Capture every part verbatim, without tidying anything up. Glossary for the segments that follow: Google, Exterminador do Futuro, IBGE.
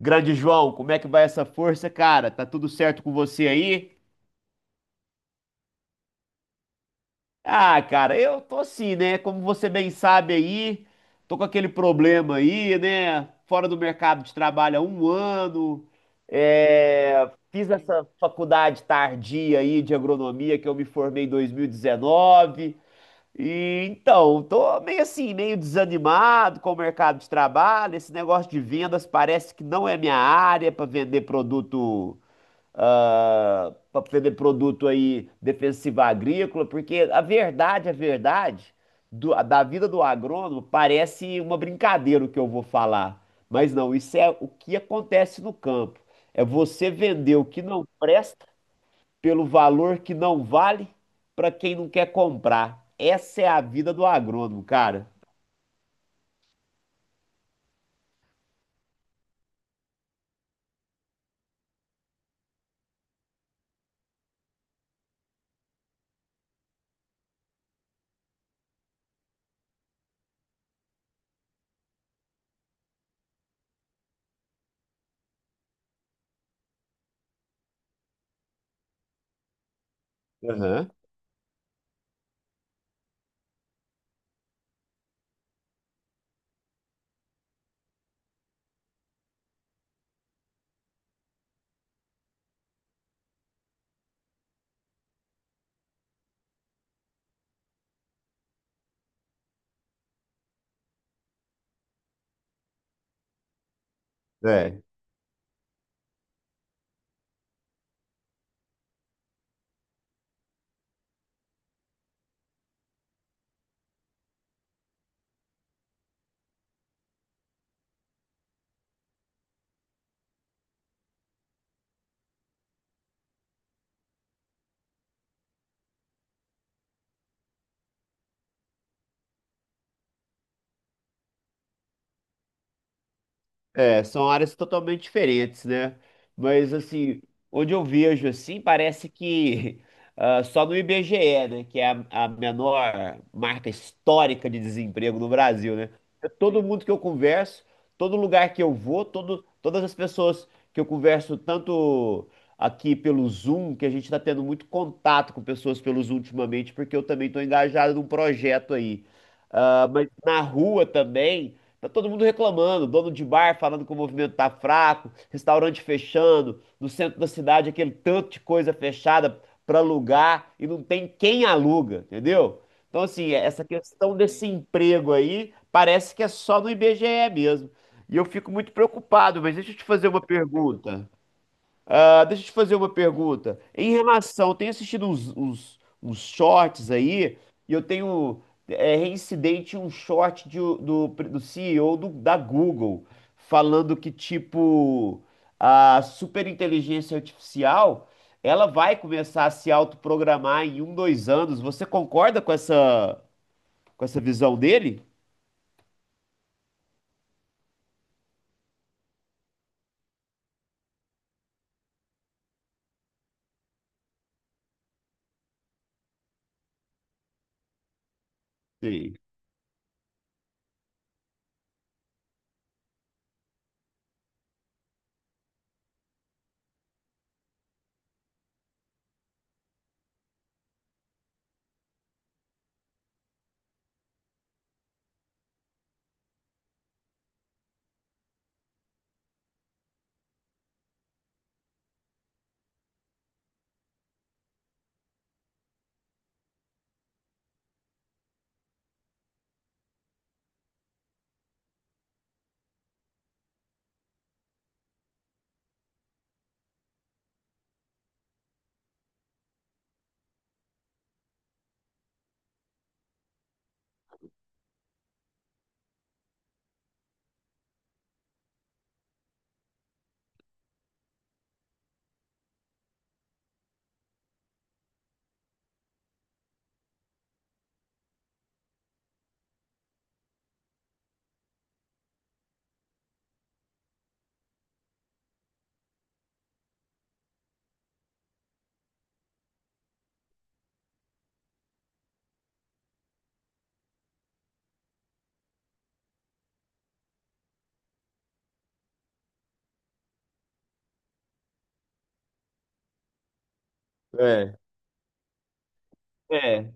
Grande João, como é que vai essa força, cara? Tá tudo certo com você aí? Ah, cara, eu tô assim, né? Como você bem sabe aí, tô com aquele problema aí, né? Fora do mercado de trabalho há um ano. É, fiz essa faculdade tardia aí de agronomia que eu me formei em dois mil e dezenove. E dezenove. E então, tô meio assim, meio desanimado com o mercado de trabalho. Esse negócio de vendas parece que não é minha área para vender produto ah, para vender produto aí defensivo agrícola, porque a verdade, a verdade do- da vida do agrônomo parece uma brincadeira o que eu vou falar, mas não, isso é o que acontece no campo. É você vender o que não presta pelo valor que não vale para quem não quer comprar. Essa é a vida do agrônomo, cara. Aham. É. É, são áreas totalmente diferentes, né? Mas assim, onde eu vejo assim, parece que ah, só no IBGE, né, que é a, a menor marca histórica de desemprego no Brasil, né? É, todo mundo que eu converso, todo lugar que eu vou, todo, todas as pessoas que eu converso, tanto aqui pelo Zoom, que a gente está tendo muito contato com pessoas pelo Zoom ultimamente, porque eu também estou engajado num projeto aí. Ah, mas na rua também. Tá todo mundo reclamando, dono de bar falando que o movimento tá fraco, restaurante fechando, no centro da cidade aquele tanto de coisa fechada para alugar e não tem quem aluga, entendeu? Então, assim, é, essa questão desse emprego aí parece que é só no IBGE mesmo. E eu fico muito preocupado, mas deixa eu te fazer uma pergunta. Ah, deixa eu te fazer uma pergunta. Em relação, eu tenho assistido uns, uns, uns shorts aí, e eu tenho é, reincidente um short de o- do, do C E O do- da Google, falando que, tipo, a superinteligência artificial, ela vai começar a se autoprogramar em um, dois anos. Você concorda com essa, com essa visão dele? Sim. É. É.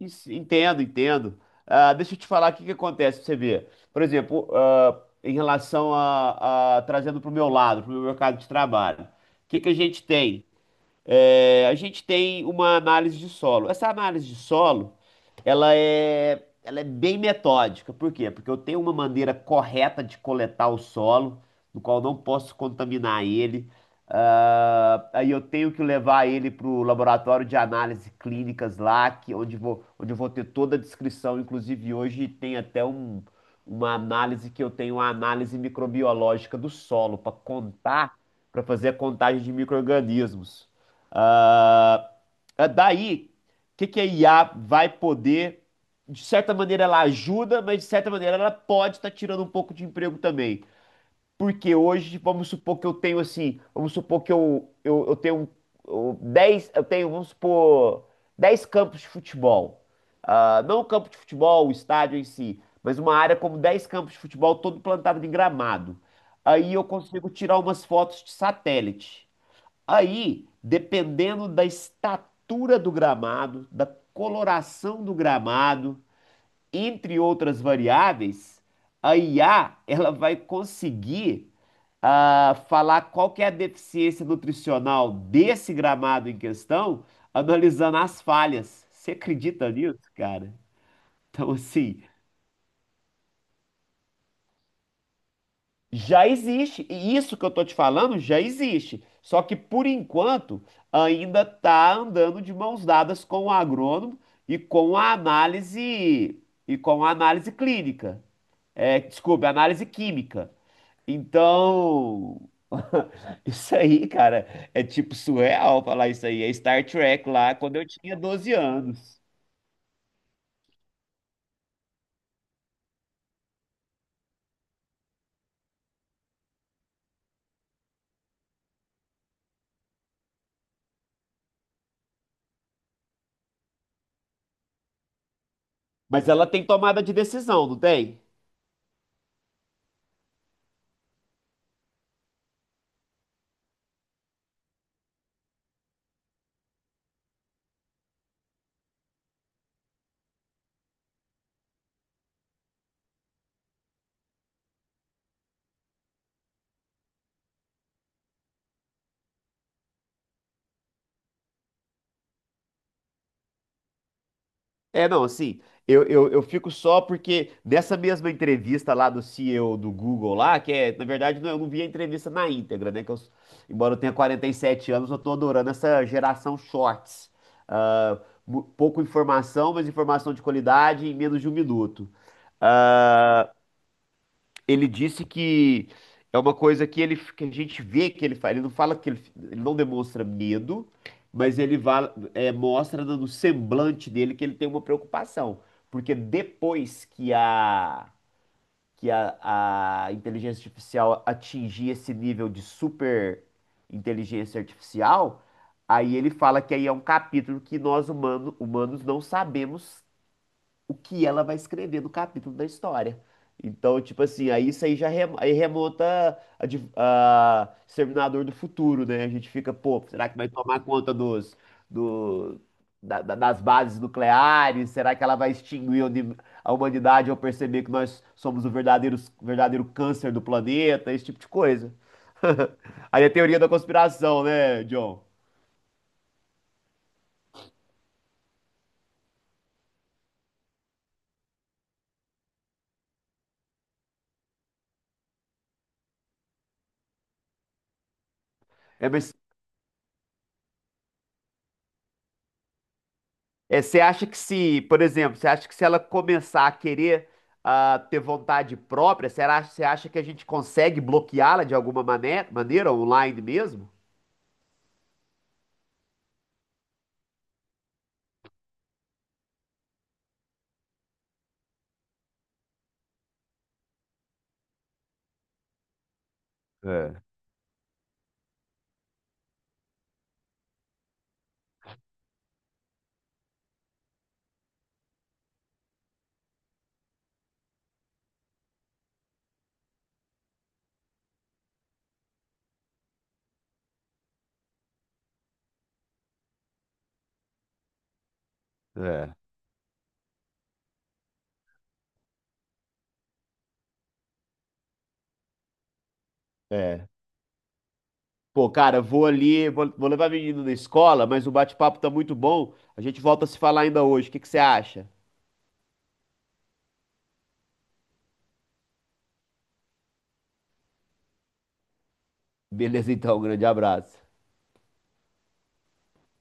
Isso. Entendo, entendo. Ah, deixa eu te falar o que que acontece pra você ver. Por exemplo, ah, em relação a, a- trazendo para o meu lado, para o meu mercado de trabalho, o que que a gente tem? É, a gente tem uma análise de solo. Essa análise de solo, ela é, ela é bem metódica. Por quê? Porque eu tenho uma maneira correta de coletar o solo, no qual eu não posso contaminar ele. Ah, aí eu tenho que levar ele para o laboratório de análise clínicas lá, que, onde vou, onde eu vou ter toda a descrição. Inclusive, hoje tem até um, uma análise que eu tenho, uma análise microbiológica do solo para contar, para fazer a contagem de micro-organismos. Ah, é daí, o que que a I A vai poder, de certa maneira ela ajuda, mas de certa maneira ela pode estar tirando um pouco de emprego também. Porque hoje, vamos supor que eu tenho assim, vamos supor que eu, eu, eu tenho eu, dez, eu tenho, vamos supor, dez campos de futebol. Ah, não o campo de futebol, o estádio em si, mas uma área como dez campos de futebol todo plantado em gramado. Aí eu consigo tirar umas fotos de satélite. Aí, dependendo da estatura do gramado, da coloração do gramado, entre outras variáveis, a I A ela vai conseguir ah, falar qual que é a deficiência nutricional desse gramado em questão, analisando as falhas. Você acredita nisso, cara? Então, assim, já existe, e isso que eu tô te falando já existe. Só que por enquanto ainda tá andando de mãos dadas com o agrônomo e com a análise e com a análise clínica. É, desculpa, análise química. Então, isso aí, cara, é tipo surreal falar isso aí. É Star Trek lá quando eu tinha doze anos. Mas ela tem tomada de decisão, não tem? É, não, assim, eu, eu, eu fico só porque nessa mesma entrevista lá do C E O do Google lá, que é, na verdade, não, eu não vi a entrevista na íntegra, né? Que eu, embora eu tenha quarenta e sete anos, eu tô adorando essa geração shorts. Ah, mu- pouco informação, mas informação de qualidade em menos de um minuto. Ele disse que é uma coisa que ele que a gente vê que ele faz. Ele não fala que ele, ele não demonstra medo, mas ele va- é, mostra no semblante dele que ele tem uma preocupação, porque depois que a que a, a inteligência artificial atingir esse nível de super inteligência artificial, aí ele fala que aí é um capítulo que nós humano, humanos não sabemos o que ela vai escrever no capítulo da história. Então, tipo assim, aí isso aí já re- aí remonta a, de- a Exterminador do Futuro, né? A gente fica, pô, será que vai tomar conta dos, do, da- da- das bases nucleares? Será que ela vai extinguir a uni- a humanidade ao perceber que nós somos o verdadeiro, verdadeiro câncer do planeta? Esse tipo de coisa. Aí a teoria da conspiração, né, John? É, mas É, você acha que se, por exemplo, você acha que se ela começar a querer ah, ter vontade própria, será, você acha que a gente consegue bloqueá-la de alguma mané- maneira, online mesmo? É, é. É. Pô, cara, vou ali, vou, vou levar a menina na escola, mas o bate-papo tá muito bom. A gente volta a se falar ainda hoje. O que que você acha? Beleza, então, um grande abraço.